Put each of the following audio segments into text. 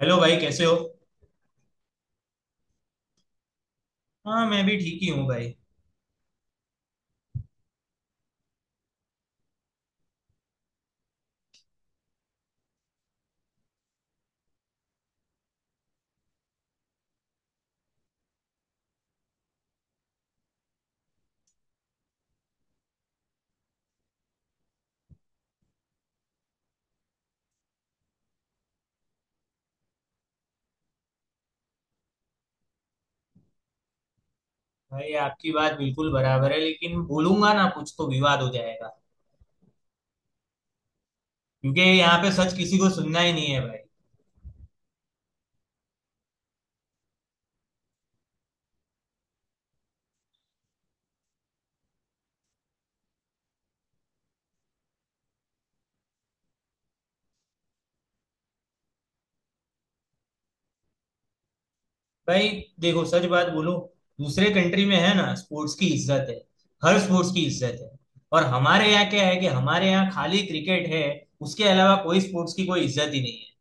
Hello भाई, कैसे हो? हाँ, मैं भी ठीक ही हूँ भाई। भाई, आपकी बात बिल्कुल बराबर है, लेकिन बोलूंगा ना कुछ तो विवाद हो जाएगा। क्योंकि यहाँ पे सच किसी को सुनना ही नहीं है भाई। भाई देखो, सच बात बोलो। दूसरे कंट्री में है ना, स्पोर्ट्स की इज्जत है। हर स्पोर्ट्स की इज्जत है। और हमारे यहाँ क्या है कि हमारे यहाँ खाली क्रिकेट है। उसके अलावा कोई स्पोर्ट्स की कोई इज्जत ही नहीं है।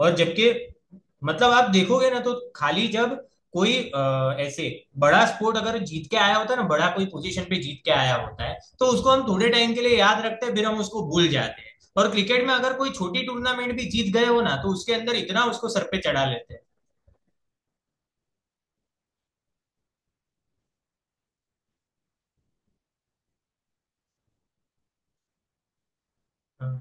और जबकि मतलब आप देखोगे ना तो खाली जब कोई ऐसे बड़ा स्पोर्ट अगर जीत के आया होता है ना, बड़ा कोई पोजीशन पे जीत के आया होता है तो उसको हम थोड़े टाइम के लिए याद रखते हैं, फिर हम उसको भूल जाते हैं। और क्रिकेट में अगर कोई छोटी टूर्नामेंट भी जीत गए हो ना तो उसके अंदर इतना उसको सर पे चढ़ा लेते हैं। हाँ।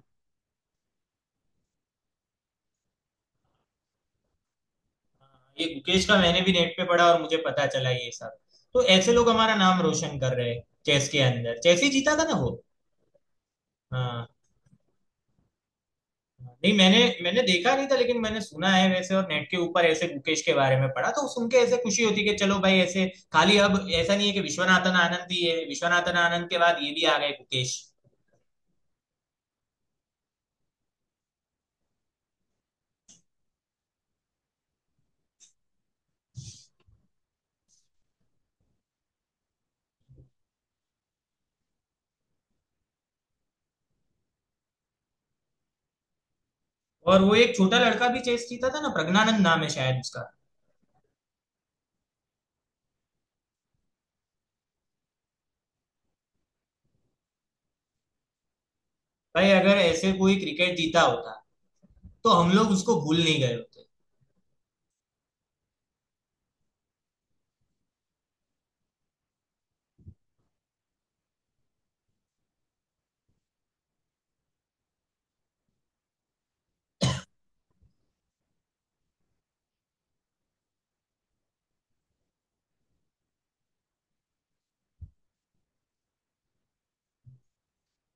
हाँ, ये गुकेश का मैंने भी नेट पे पढ़ा और मुझे पता चला ये सब। तो ऐसे लोग हमारा नाम रोशन कर रहे हैं चेस के अंदर। चेस ही जीता था ना वो? हाँ। नहीं, मैंने मैंने देखा नहीं था, लेकिन मैंने सुना है वैसे और नेट के ऊपर ऐसे गुकेश के बारे में पढ़ा तो सुन के ऐसे खुशी होती है कि चलो भाई ऐसे। खाली अब ऐसा नहीं है कि विश्वनाथन आनंद भी है, विश्वनाथन आनंद के बाद ये भी आ गए गुकेश। और वो एक छोटा लड़का भी चेस जीता था ना, प्रज्ञानंद नाम है शायद उसका। भाई अगर ऐसे कोई क्रिकेट जीता होता तो हम लोग उसको भूल नहीं गए होते।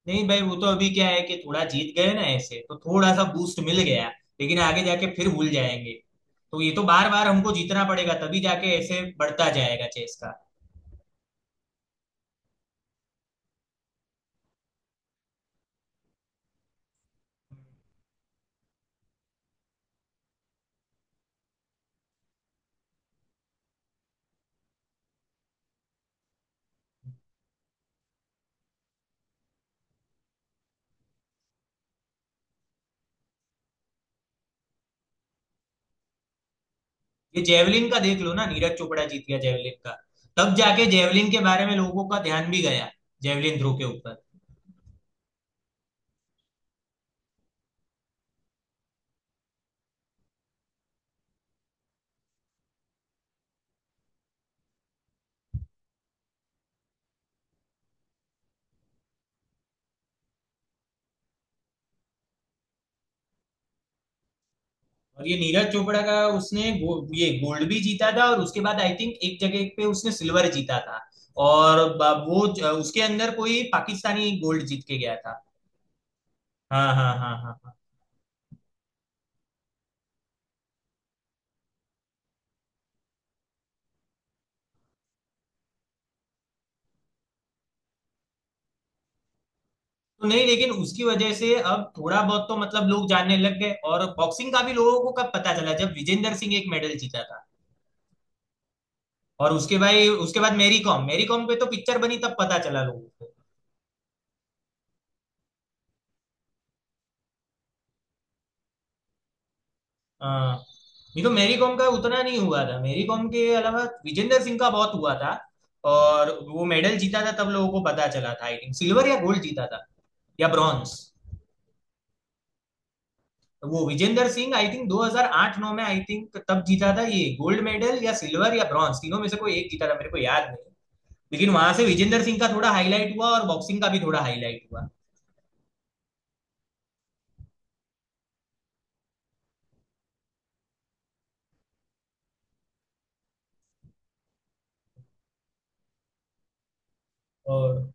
नहीं भाई, वो तो अभी क्या है कि थोड़ा जीत गए ना, ऐसे तो थोड़ा सा बूस्ट मिल गया, लेकिन आगे जाके फिर भूल जाएंगे। तो ये तो बार बार हमको जीतना पड़ेगा, तभी जाके ऐसे बढ़ता जाएगा चेस का। ये जेवलिन का देख लो ना, नीरज चोपड़ा जीत गया जेवलिन का। तब जाके जेवलिन के बारे में लोगों का ध्यान भी गया, जेवलिन थ्रो के ऊपर। और ये नीरज चोपड़ा का, उसने ये गोल्ड भी जीता था और उसके बाद आई थिंक एक जगह पे उसने सिल्वर जीता था। और उसके अंदर कोई पाकिस्तानी गोल्ड जीत के गया था। हाँ हाँ हाँ हाँ हाँ। तो नहीं, लेकिन उसकी वजह से अब थोड़ा बहुत तो मतलब लोग जानने लग गए और बॉक्सिंग का भी लोगों को कब पता चला, जब विजेंदर सिंह एक मेडल जीता था। और उसके भाई उसके बाद मैरी कॉम, मैरी कॉम पे तो पिक्चर बनी तब पता चला लोगों को। हाँ। नहीं तो मैरी कॉम का उतना नहीं हुआ था, मैरी कॉम के अलावा विजेंदर सिंह का बहुत हुआ था। और वो मेडल जीता था तब लोगों को पता चला था, आई थिंक सिल्वर या गोल्ड जीता था। या ब्रॉन्ज। वो विजेंदर सिंह आई थिंक 2008-9 में आई थिंक तब जीता था, ये गोल्ड मेडल या सिल्वर या ब्रॉन्ज तीनों में से कोई एक जीता था मेरे को याद नहीं। लेकिन वहां से विजेंदर सिंह का थोड़ा हाईलाइट हुआ और बॉक्सिंग का भी थोड़ा हाईलाइट हुआ। और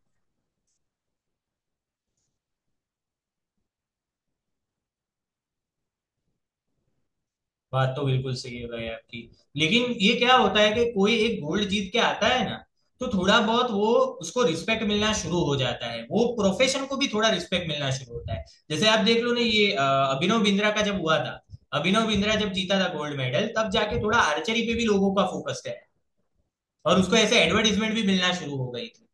बात तो बिल्कुल सही है भाई आपकी। लेकिन ये क्या होता है कि कोई एक गोल्ड जीत के आता है ना, तो थोड़ा बहुत वो उसको रिस्पेक्ट मिलना शुरू हो जाता है, वो प्रोफेशन को भी थोड़ा रिस्पेक्ट मिलना शुरू होता है। जैसे आप देख लो ना, ये अभिनव बिंद्रा का जब हुआ था। अभिनव बिंद्रा जब जीता था गोल्ड मेडल, तब जाके थोड़ा आर्चरी पे भी लोगों का फोकस गया। और उसको ऐसे एडवर्टीजमेंट भी मिलना शुरू हो गई थी।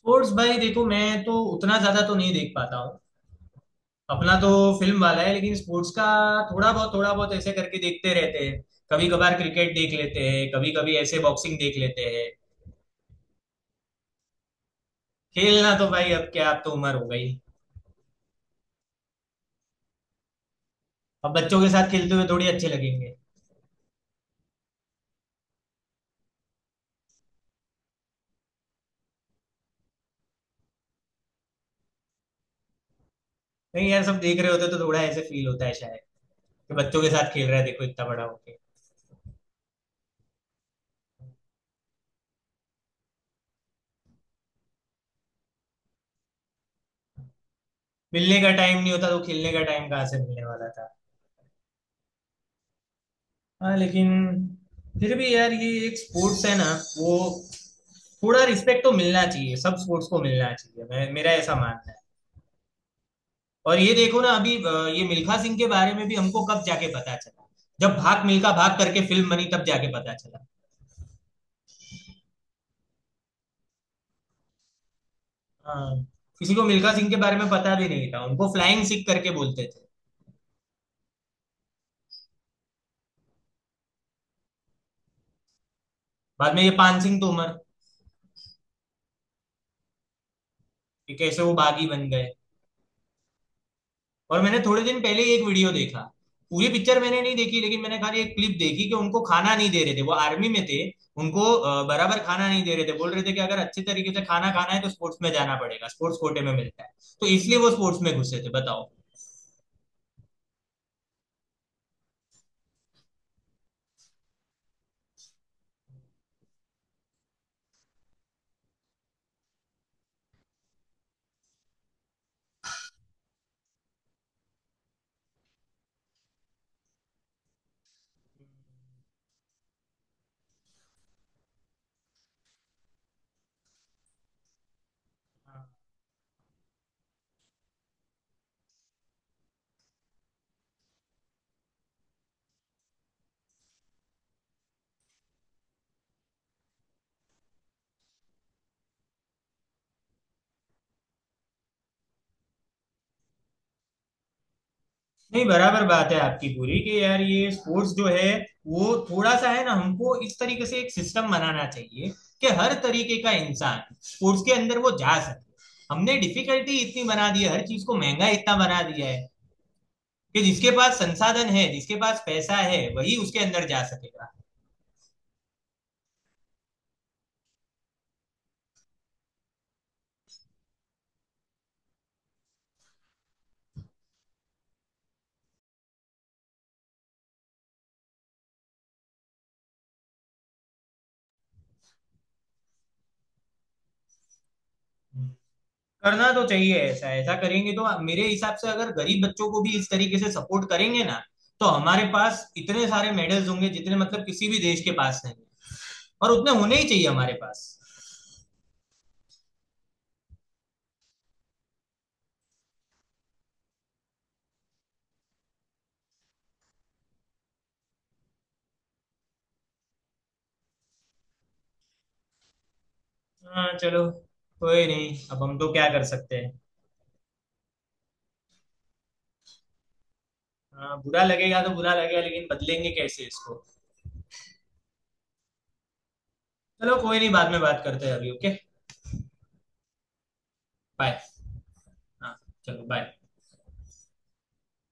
स्पोर्ट्स भाई देखो, मैं तो उतना ज्यादा तो नहीं देख पाता हूँ। अपना तो फिल्म वाला है, लेकिन स्पोर्ट्स का थोड़ा बहुत ऐसे करके देखते रहते हैं। कभी कभार क्रिकेट देख लेते हैं, कभी कभी ऐसे बॉक्सिंग देख लेते हैं। खेलना तो भाई अब क्या, अब तो उम्र हो गई। अब बच्चों के साथ खेलते हुए थोड़ी अच्छे लगेंगे। नहीं यार, सब देख रहे होते तो थोड़ा ऐसे फील होता है शायद, कि बच्चों के साथ खेल रहा है देखो इतना बड़ा होके। मिलने का टाइम नहीं होता तो खेलने का टाइम कहाँ से मिलने वाला था। हाँ, लेकिन फिर भी यार, ये एक स्पोर्ट्स है ना वो, थोड़ा रिस्पेक्ट तो मिलना चाहिए, सब स्पोर्ट्स को मिलना चाहिए, मैं मेरा ऐसा मानना है। और ये देखो ना अभी ये मिल्खा सिंह के बारे में भी हमको कब जाके पता चला, जब भाग मिल्खा भाग करके फिल्म बनी तब जाके पता चला। हाँ। किसी को मिल्खा सिंह के बारे में पता भी नहीं था, उनको फ्लाइंग सिख करके बोलते थे। बाद में ये पान सिंह तोमर, कि कैसे वो बागी बन गए। और मैंने थोड़े दिन पहले ही एक वीडियो देखा। पूरी पिक्चर मैंने नहीं देखी, लेकिन मैंने खाली एक क्लिप देखी कि उनको खाना नहीं दे रहे थे, वो आर्मी में थे। उनको बराबर खाना नहीं दे रहे थे, बोल रहे थे कि अगर अच्छे तरीके से खाना खाना है तो स्पोर्ट्स में जाना पड़ेगा, स्पोर्ट्स कोटे में मिलता है। तो इसलिए वो स्पोर्ट्स में घुसे थे बताओ। नहीं बराबर बात है आपकी पूरी, कि यार ये स्पोर्ट्स जो है वो थोड़ा सा है ना, हमको इस तरीके से एक सिस्टम बनाना चाहिए कि हर तरीके का इंसान स्पोर्ट्स के अंदर वो जा सके। हमने डिफिकल्टी इतनी बना दी है, हर चीज को महंगा इतना बना दिया है, कि जिसके पास संसाधन है, जिसके पास पैसा है वही उसके अंदर जा सकेगा। करना तो चाहिए, ऐसा ऐसा करेंगे तो मेरे हिसाब से, अगर गरीब बच्चों को भी इस तरीके से सपोर्ट करेंगे ना, तो हमारे पास इतने सारे मेडल्स होंगे जितने मतलब किसी भी देश के पास नहीं है। और उतने होने ही चाहिए हमारे पास। हाँ चलो, कोई नहीं, अब हम तो क्या कर सकते हैं। हाँ, बुरा लगेगा तो बुरा लगेगा, लेकिन बदलेंगे कैसे इसको। चलो कोई नहीं, बाद में बात करते हैं, अभी ओके बाय। हाँ, चलो बाय।